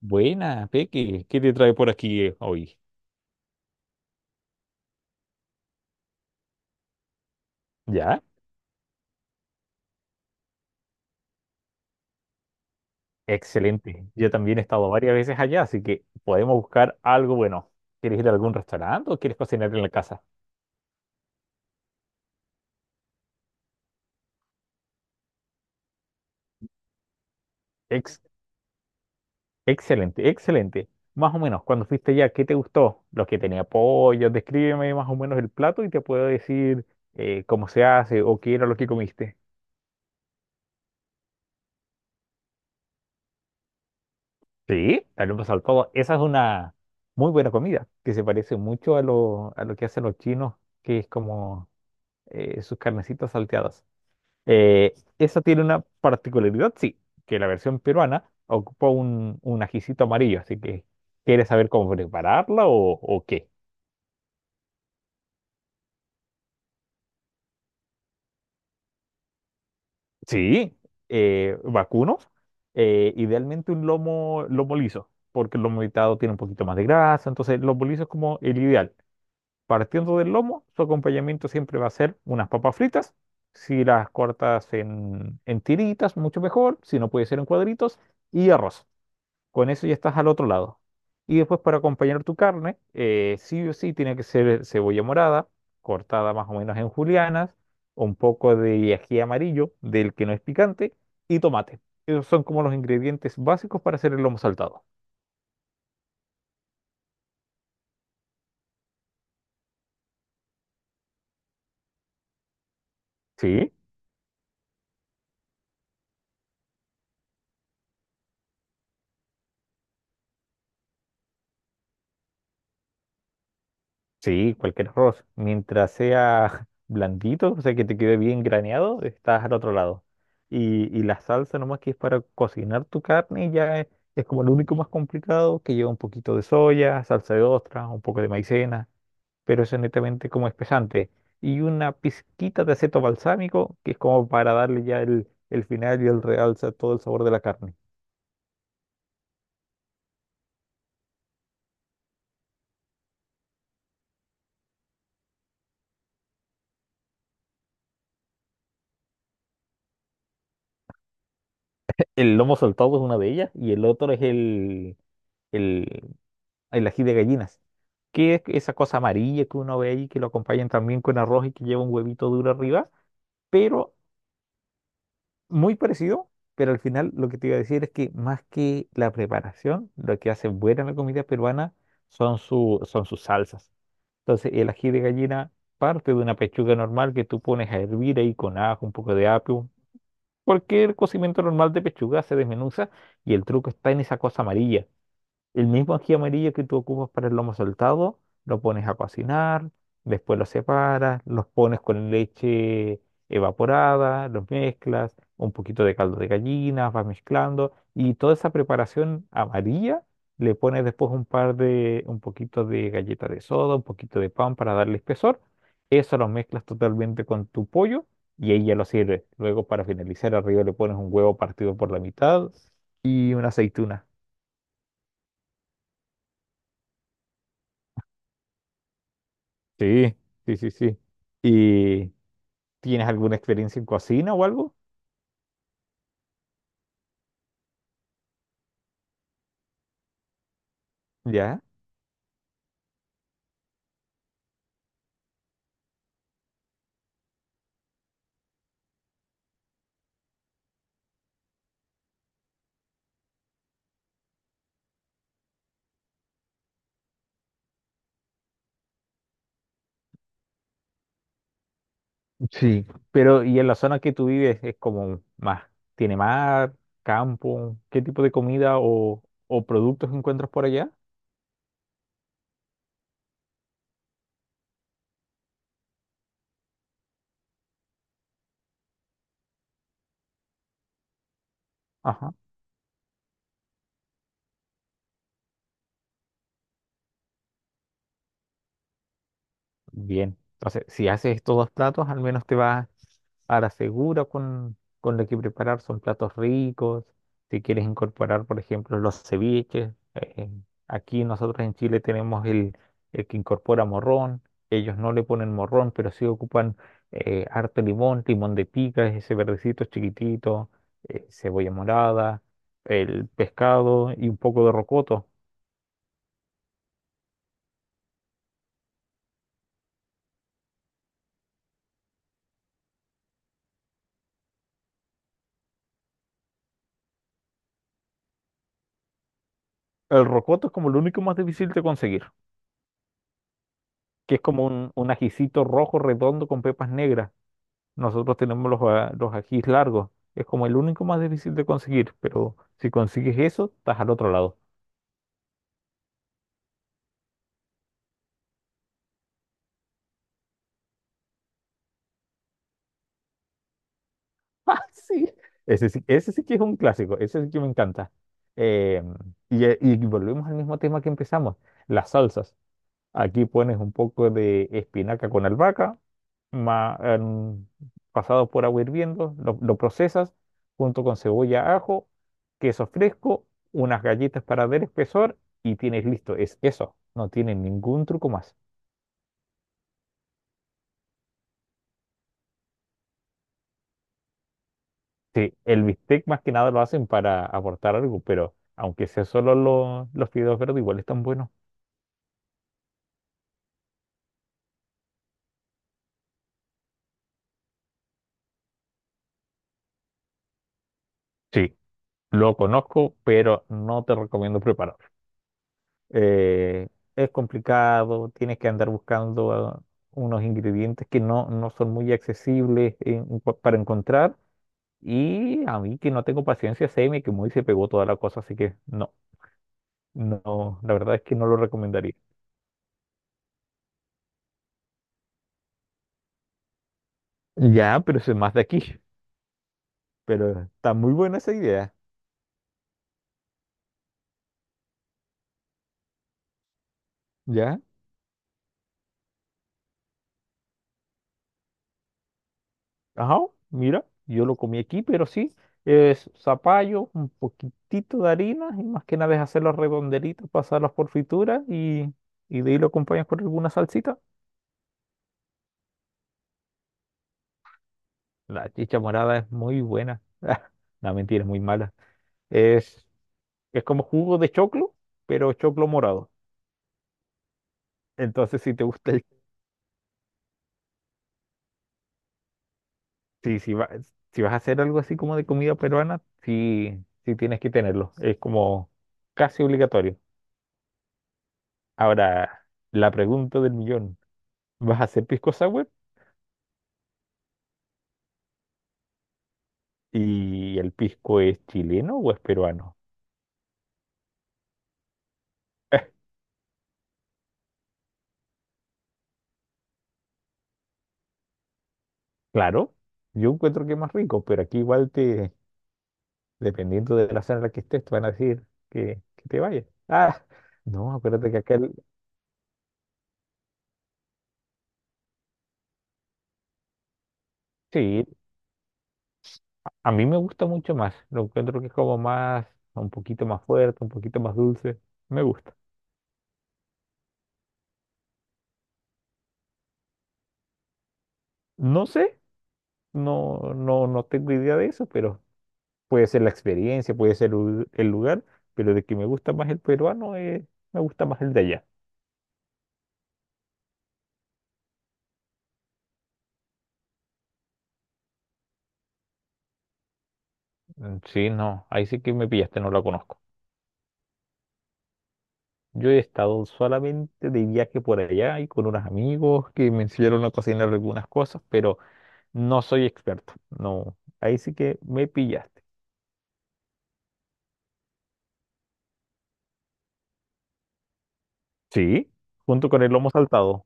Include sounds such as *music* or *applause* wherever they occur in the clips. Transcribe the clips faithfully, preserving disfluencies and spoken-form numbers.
Buena, Peque, ¿qué te trae por aquí eh, hoy? ¿Ya? Excelente. Yo también he estado varias veces allá, así que podemos buscar algo bueno. ¿Quieres ir a algún restaurante o quieres cocinar en la casa? Ex- excelente, excelente. Más o menos, cuando fuiste allá, ¿qué te gustó? Los que tenía pollo, descríbeme más o menos el plato y te puedo decir eh, cómo se hace o qué era lo que comiste. Sí, tal al todo. Esa es una muy buena comida que se parece mucho a lo, a lo que hacen los chinos, que es como eh, sus carnecitas salteadas. Eh, esa tiene una particularidad, sí, que la versión peruana ocupa un, un ajicito amarillo, así que ¿quieres saber cómo prepararla o, o qué? Sí, eh, vacuno, eh, idealmente un lomo, lomo liso, porque el lomo evitado tiene un poquito más de grasa, entonces el lomo liso es como el ideal. Partiendo del lomo, su acompañamiento siempre va a ser unas papas fritas. Si las cortas en, en tiritas, mucho mejor. Si no puede ser en cuadritos. Y arroz. Con eso ya estás al otro lado. Y después para acompañar tu carne, eh, sí o sí tiene que ser cebolla morada, cortada más o menos en julianas, un poco de ají amarillo, del que no es picante, y tomate. Esos son como los ingredientes básicos para hacer el lomo saltado. Sí. Sí, cualquier arroz. Mientras sea *laughs* blandito, o sea, que te quede bien graneado, estás al otro lado. Y, y la salsa nomás que es para cocinar tu carne ya es, es como lo único más complicado, que lleva un poquito de soya, salsa de ostras, un poco de maicena, pero eso es netamente como espesante. Y una pizquita de aceto balsámico, que es como para darle ya el, el final y el realza a todo el sabor de la carne. El lomo saltado es una de ellas y el otro es el, el ají de gallinas, que es esa cosa amarilla que uno ve ahí, que lo acompañan también con arroz y que lleva un huevito duro arriba, pero muy parecido, pero al final lo que te iba a decir es que más que la preparación, lo que hace buena la comida peruana son, su, son sus salsas. Entonces el ají de gallina parte de una pechuga normal que tú pones a hervir ahí con ajo, un poco de apio. Cualquier cocimiento normal de pechuga se desmenuza y el truco está en esa cosa amarilla, el mismo ají amarillo que tú ocupas para el lomo saltado, lo pones a cocinar, después lo separas, los pones con leche evaporada, los mezclas, un poquito de caldo de gallina, vas mezclando y toda esa preparación amarilla le pones después un par de, un poquito de galleta de soda, un poquito de pan para darle espesor. Eso lo mezclas totalmente con tu pollo y ahí ya lo sirves. Luego para finalizar arriba le pones un huevo partido por la mitad y una aceituna. Sí, sí, sí, sí. ¿Y tienes alguna experiencia en cocina o algo? Ya. Sí. Pero, ¿y en la zona que tú vives es como más, tiene mar, campo? ¿Qué tipo de comida o, o productos encuentras por allá? Ajá. Bien. Entonces, si haces estos dos platos, al menos te vas a la segura con, con lo que preparar, son platos ricos. Si quieres incorporar, por ejemplo, los ceviches, eh, aquí nosotros en Chile tenemos el, el que incorpora morrón, ellos no le ponen morrón, pero sí ocupan eh, harto limón, limón de pica, ese verdecito chiquitito, eh, cebolla morada, el pescado y un poco de rocoto. El rocoto es como lo único más difícil de conseguir, que es como un, un ajicito rojo redondo con pepas negras. Nosotros tenemos los, a- los ajís largos. Es como el único más difícil de conseguir, pero si consigues eso, estás al otro lado. *laughs* Ah, sí. Ese sí, ese sí que es un clásico, ese sí que me encanta. Eh, y, eh, y volvemos al mismo tema que empezamos, las salsas. Aquí pones un poco de espinaca con albahaca, ma- en- pasado por agua hirviendo, lo, lo procesas junto con cebolla, ajo, queso fresco, unas galletas para dar espesor y tienes listo. Es eso, no tiene ningún truco más. Sí, el bistec más que nada lo hacen para aportar algo, pero aunque sea solo lo- los fideos verdes, igual están buenos. Sí, lo conozco, pero no te recomiendo prepararlo. eh, es complicado, tienes que andar buscando ah, unos ingredientes que no, no son muy accesibles en- pa- para encontrar. Y a mí que no tengo paciencia, se me quemó y se pegó toda la cosa, así que no, no, la verdad es que no lo recomendaría. Ya, pero eso es más de aquí. Pero está muy buena esa idea. ¿Ya? Ajá, mira, yo lo comí aquí, pero sí, es zapallo, un poquitito de harina y más que nada es hacer los redondelitos, pasarlos por fritura y, y de ahí lo acompañas con alguna salsita. La chicha morada es muy buena. *laughs* No, mentira, es muy mala. Es, es como jugo de choclo, pero choclo morado. Entonces, si te gusta el... Sí, si va- si vas a hacer algo así como de comida peruana, sí, sí tienes que tenerlo. Es como casi obligatorio. Ahora, la pregunta del millón. ¿Vas a hacer pisco sour? ¿Y el pisco es chileno o es peruano? *laughs* Eh, Claro, yo encuentro que es más rico, pero aquí igual te, dependiendo de la zona en la que estés, te van a decir que, que te vayas. Ah, no, acuérdate que acá, el- sí, a mí me gusta mucho más. Lo encuentro que es como más, un poquito más fuerte, un poquito más dulce. Me gusta. No sé, no, no, no tengo idea de eso, pero puede ser la experiencia, puede ser lu- el lugar, pero de que me gusta más el peruano, eh, me gusta más el de allá. Mm, sí, no, ahí sí que me pillaste, no la conozco. Yo he estado solamente de viaje por allá y con unos amigos que me enseñaron a cocinar algunas cosas, pero no soy experto. No, ahí sí que me pillaste. Sí, junto con el lomo saltado.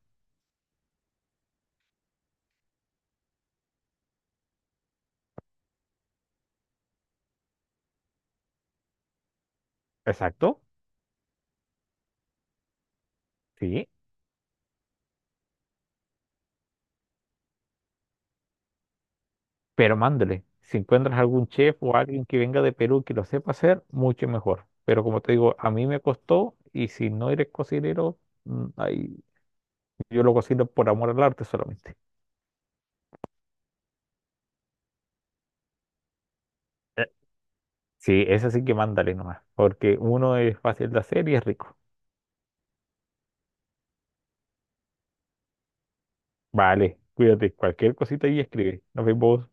Exacto, sí, pero mándale. Si encuentras algún chef o alguien que venga de Perú que lo sepa hacer, mucho mejor. Pero como te digo, a mí me costó y si no eres cocinero, mm, ahí yo lo cocino por amor al arte solamente. Sí, esa sí que mándale nomás, porque uno es fácil de hacer y es rico. Vale, cuídate, cualquier cosita y escribe. Nos vemos.